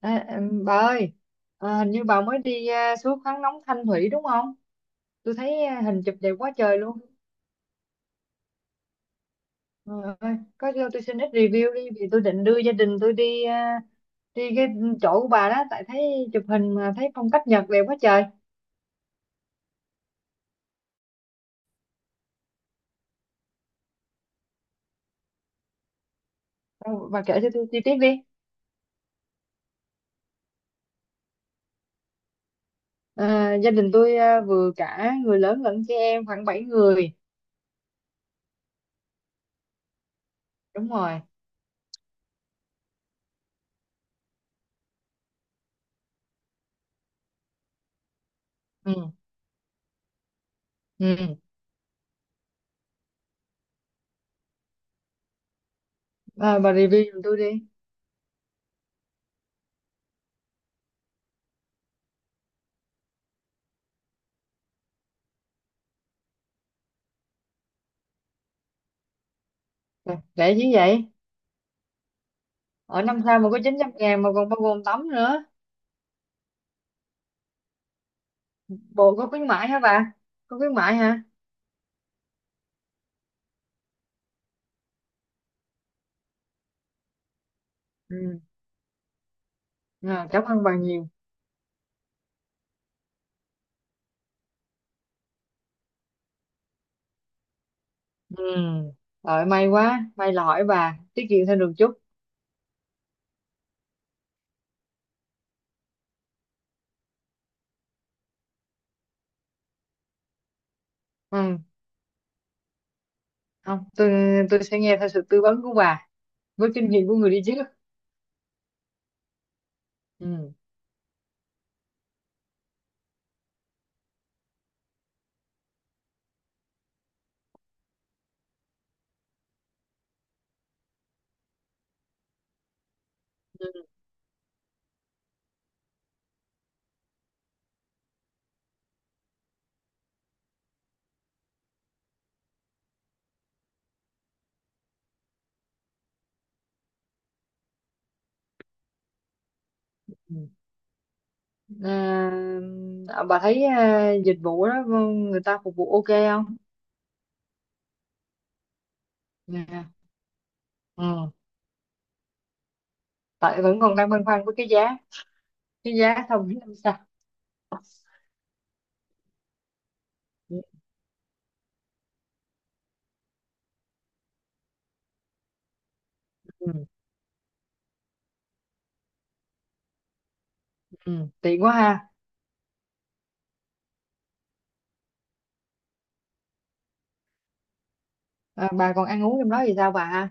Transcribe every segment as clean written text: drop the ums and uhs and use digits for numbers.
Bà ơi, hình như bà mới đi suối khoáng nóng Thanh Thủy đúng không? Tôi thấy hình chụp đẹp quá trời luôn. Có cho tôi xin ít review đi, vì tôi định đưa gia đình tôi đi, đi cái chỗ của bà đó, tại thấy chụp hình mà thấy phong cách Nhật đẹp quá trời. Ờ, Bà kể cho tôi chi tiết đi. Gia đình tôi vừa cả người lớn lẫn trẻ em khoảng 7 người. Đúng rồi. Ừ. Ừ. Bà review giùm tôi đi. Rẻ chứ vậy. Ở năm sao mà có 900.000 mà còn bao gồm tắm nữa. Bộ có khuyến mãi hả bà? Có khuyến mãi hả? Ừ. Cảm ơn bà nhiều. Ừ. Rồi, may quá, may là hỏi bà tiết kiệm thêm được chút. Ừ. Không, tôi, tôi sẽ nghe theo sự tư vấn của bà, với kinh nghiệm của người đi trước. Ừ. Ừ. Ừ. Bà thấy dịch vụ đó người ta phục vụ ok không? Nè. Ừ. Tại vẫn còn đang băn khoăn với cái giá, cái giá không biết làm sao. Ừ. Ừ. Ừ. Tiện quá ha. Bà còn ăn uống trong đó thì sao bà ha?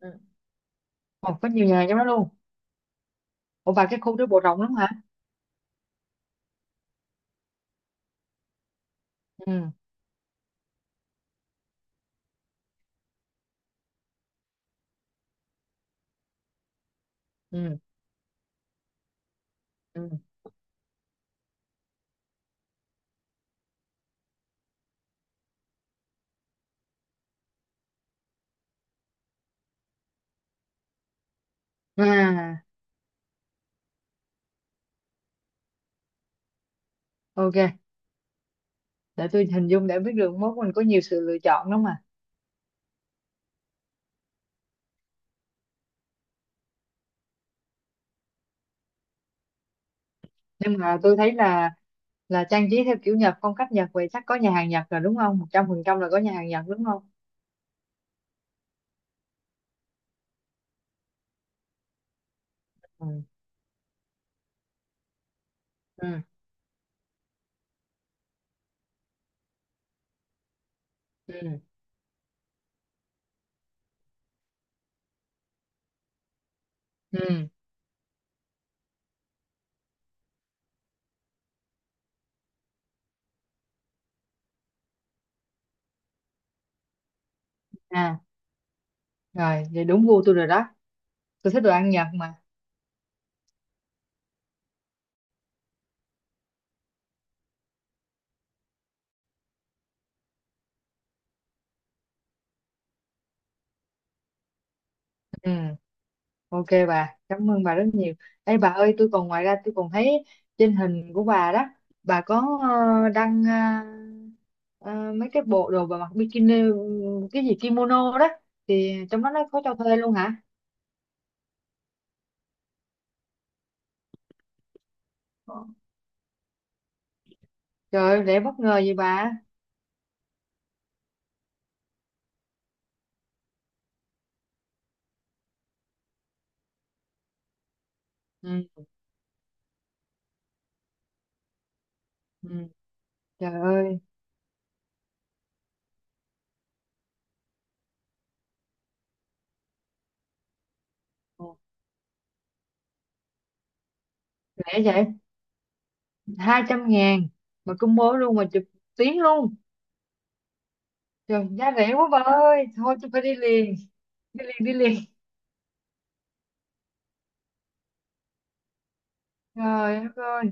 Ừ. Còn có nhiều nhà trong đó luôn. Ủa, và cái khu đó bộ rộng lắm hả? Ừ. Ừ. Ừ. À, ok. Để tôi hình dung để biết được mốt mình có nhiều sự lựa chọn lắm mà. Nhưng mà tôi thấy là trang trí theo kiểu Nhật, phong cách Nhật vậy, chắc có nhà hàng Nhật rồi đúng không? 100% là có nhà hàng Nhật đúng không? Ừ. Ừ. Ừ. Ừ. À, rồi, vậy đúng gu tôi rồi đó. Tôi thích đồ ăn Nhật mà. Ừ. Ok bà, cảm ơn bà rất nhiều. Ê bà ơi, tôi còn, ngoài ra tôi còn thấy trên hình của bà đó, bà có đăng ờ, mấy cái bộ đồ bà mặc bikini, cái gì kimono đó, thì trong đó nó có cho thuê luôn hả? Trời ơi, rẻ bất ngờ vậy bà. Ừ, ừ, trời ơi, rẻ vậy. 200.000 mà combo luôn, mà chụp tiếng luôn. Trời, giá rẻ quá bà ơi, thôi tôi phải đi liền, đi liền, đi liền. Trời đất ơi.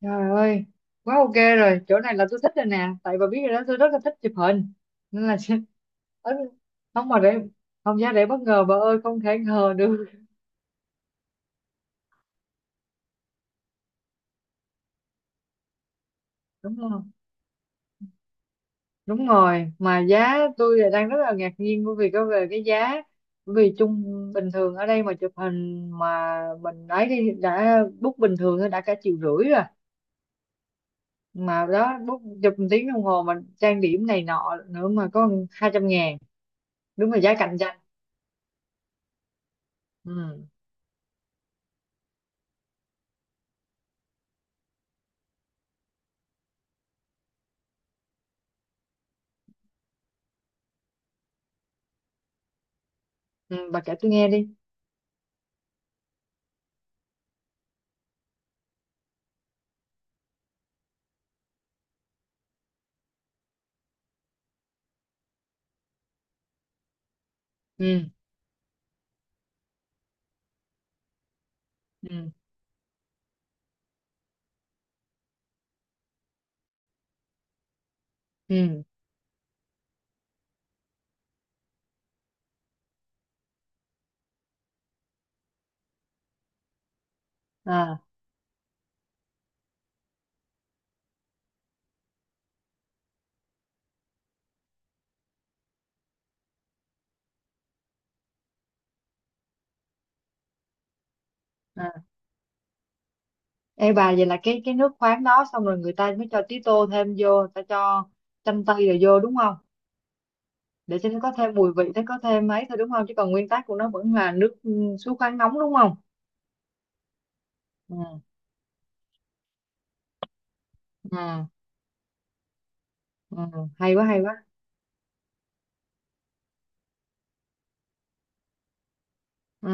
Trời ơi, quá ok rồi, chỗ này là tôi thích rồi nè, tại bà biết rồi đó, tôi rất là thích chụp hình, nên là ấn- không mà để, không, giá để bất ngờ bà ơi, không thể ngờ được, đúng không? Đúng rồi, mà giá tôi lại đang rất là ngạc nhiên bởi vì có về cái giá, bởi vì chung, bình thường ở đây mà chụp hình mà mình ấy, đi đã book bình thường thôi đã cả triệu rưỡi rồi, mà đó book chụp một tiếng đồng hồ, mà trang điểm này nọ nữa, mà có 200.000, đúng là giá cạnh tranh. Ừ, ừ bà kể tôi nghe đi. Ừ. Ừ, ừ, à, à. Ê bà, vậy là cái nước khoáng đó xong rồi người ta mới cho tí tô thêm vô, người ta cho chanh tây rồi vô đúng không? Để cho nó có thêm mùi vị, nó có thêm mấy thôi đúng không, chứ còn nguyên tắc của nó vẫn là nước, suối khoáng nóng đúng không? Ừ. Ừ. Ừ, hay quá, hay quá. Ừ.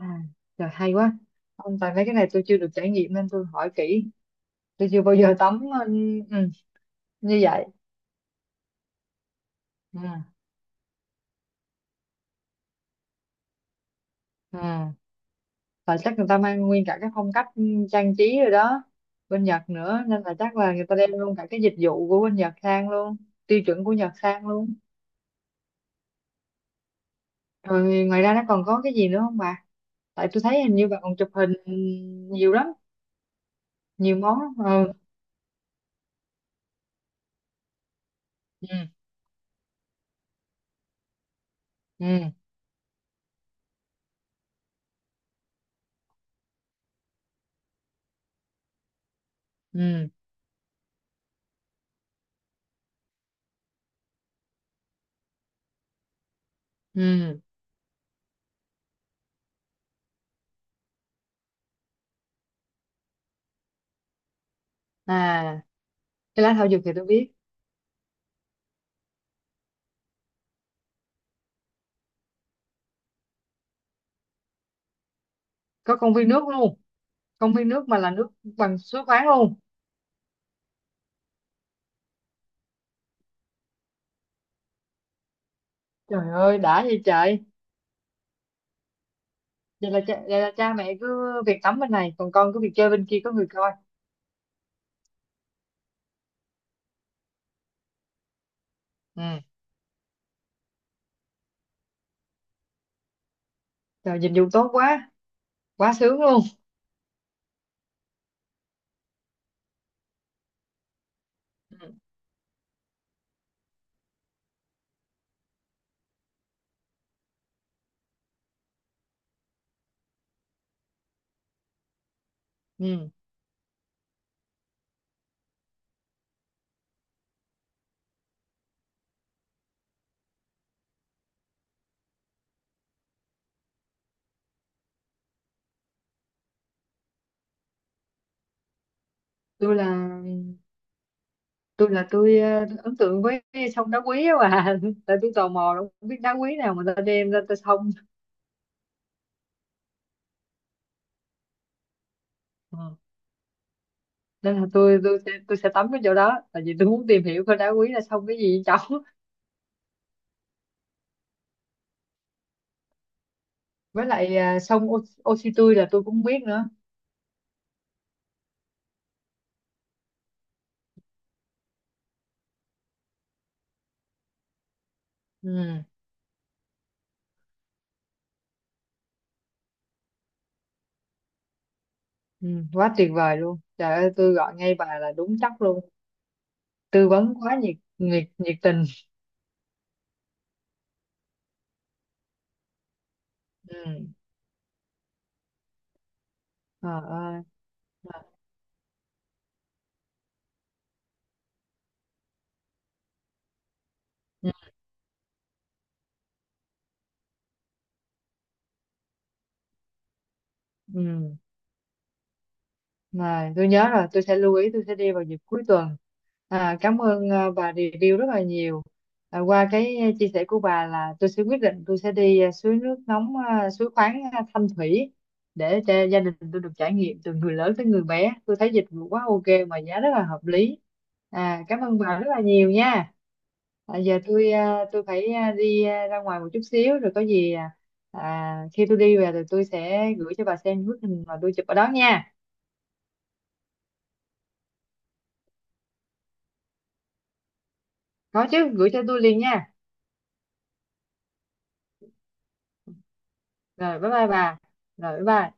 à, trời hay quá. Ông, tại mấy cái này tôi chưa được trải nghiệm nên tôi hỏi kỹ. Tôi chưa bao giờ tắm. Ừ, ừ, như vậy. Ừ. Ừ. Là chắc người ta mang nguyên cả cái phong cách, trang trí rồi đó, bên Nhật nữa, nên là chắc là người ta đem luôn cả cái dịch vụ của bên Nhật sang luôn, tiêu chuẩn của Nhật sang luôn. Rồi ngoài ra nó còn có cái gì nữa không bà? Tại tôi thấy hình như bà còn chụp hình nhiều lắm, nhiều món lắm. Ừ. Ừ. Ừ. Ừ. Ừ. À, cái lá thảo dược thì tôi biết. Có công viên nước luôn? Công viên nước mà là nước bằng suối khoáng luôn? Trời ơi, đã vậy trời. Vậy là cha mẹ cứ việc tắm bên này, còn con cứ việc chơi bên kia có người coi. Ừ. Trời, dịch vụ tốt quá, quá sướng luôn. Ừ. Ừ. Tôi là tôi ấn tượng với cái sông đá quý á bà. Tại tôi tò mò, đâu biết đá quý nào mà ta đem ra ta sông. Ừ. Nên là tôi sẽ tắm cái chỗ đó, tại vì tôi muốn tìm hiểu coi đá quý là sông cái gì vậy cháu. Với lại sông Ô, Ô Chi Tui là tôi cũng biết nữa. Ừ. Ừ. Quá tuyệt vời luôn. Trời ơi, tôi gọi ngay bà là đúng chắc luôn. Tư vấn quá nhiệt, nhiệt, nhiệt tình. Ừ. Ờ Ơi. Ừ. Ừ. Mà tôi nhớ rồi, tôi sẽ lưu ý, tôi sẽ đi vào dịp cuối tuần. Cảm ơn, bà review rất là nhiều. Qua cái, chia sẻ của bà là tôi sẽ quyết định, tôi sẽ đi, suối nước nóng, suối khoáng, Thanh Thủy, để cho gia đình tôi được trải nghiệm, từ người lớn tới người bé, tôi thấy dịch vụ quá ok mà giá rất là hợp lý. Cảm ơn bà rất là nhiều nha. Giờ tôi, tôi phải, đi, ra ngoài một chút xíu, rồi có gì, khi tôi đi về thì tôi sẽ gửi cho bà xem bức hình mà tôi chụp ở đó nha. Có chứ, gửi cho tôi liền nha. Rồi, bye bye bà. Rồi, bye bye.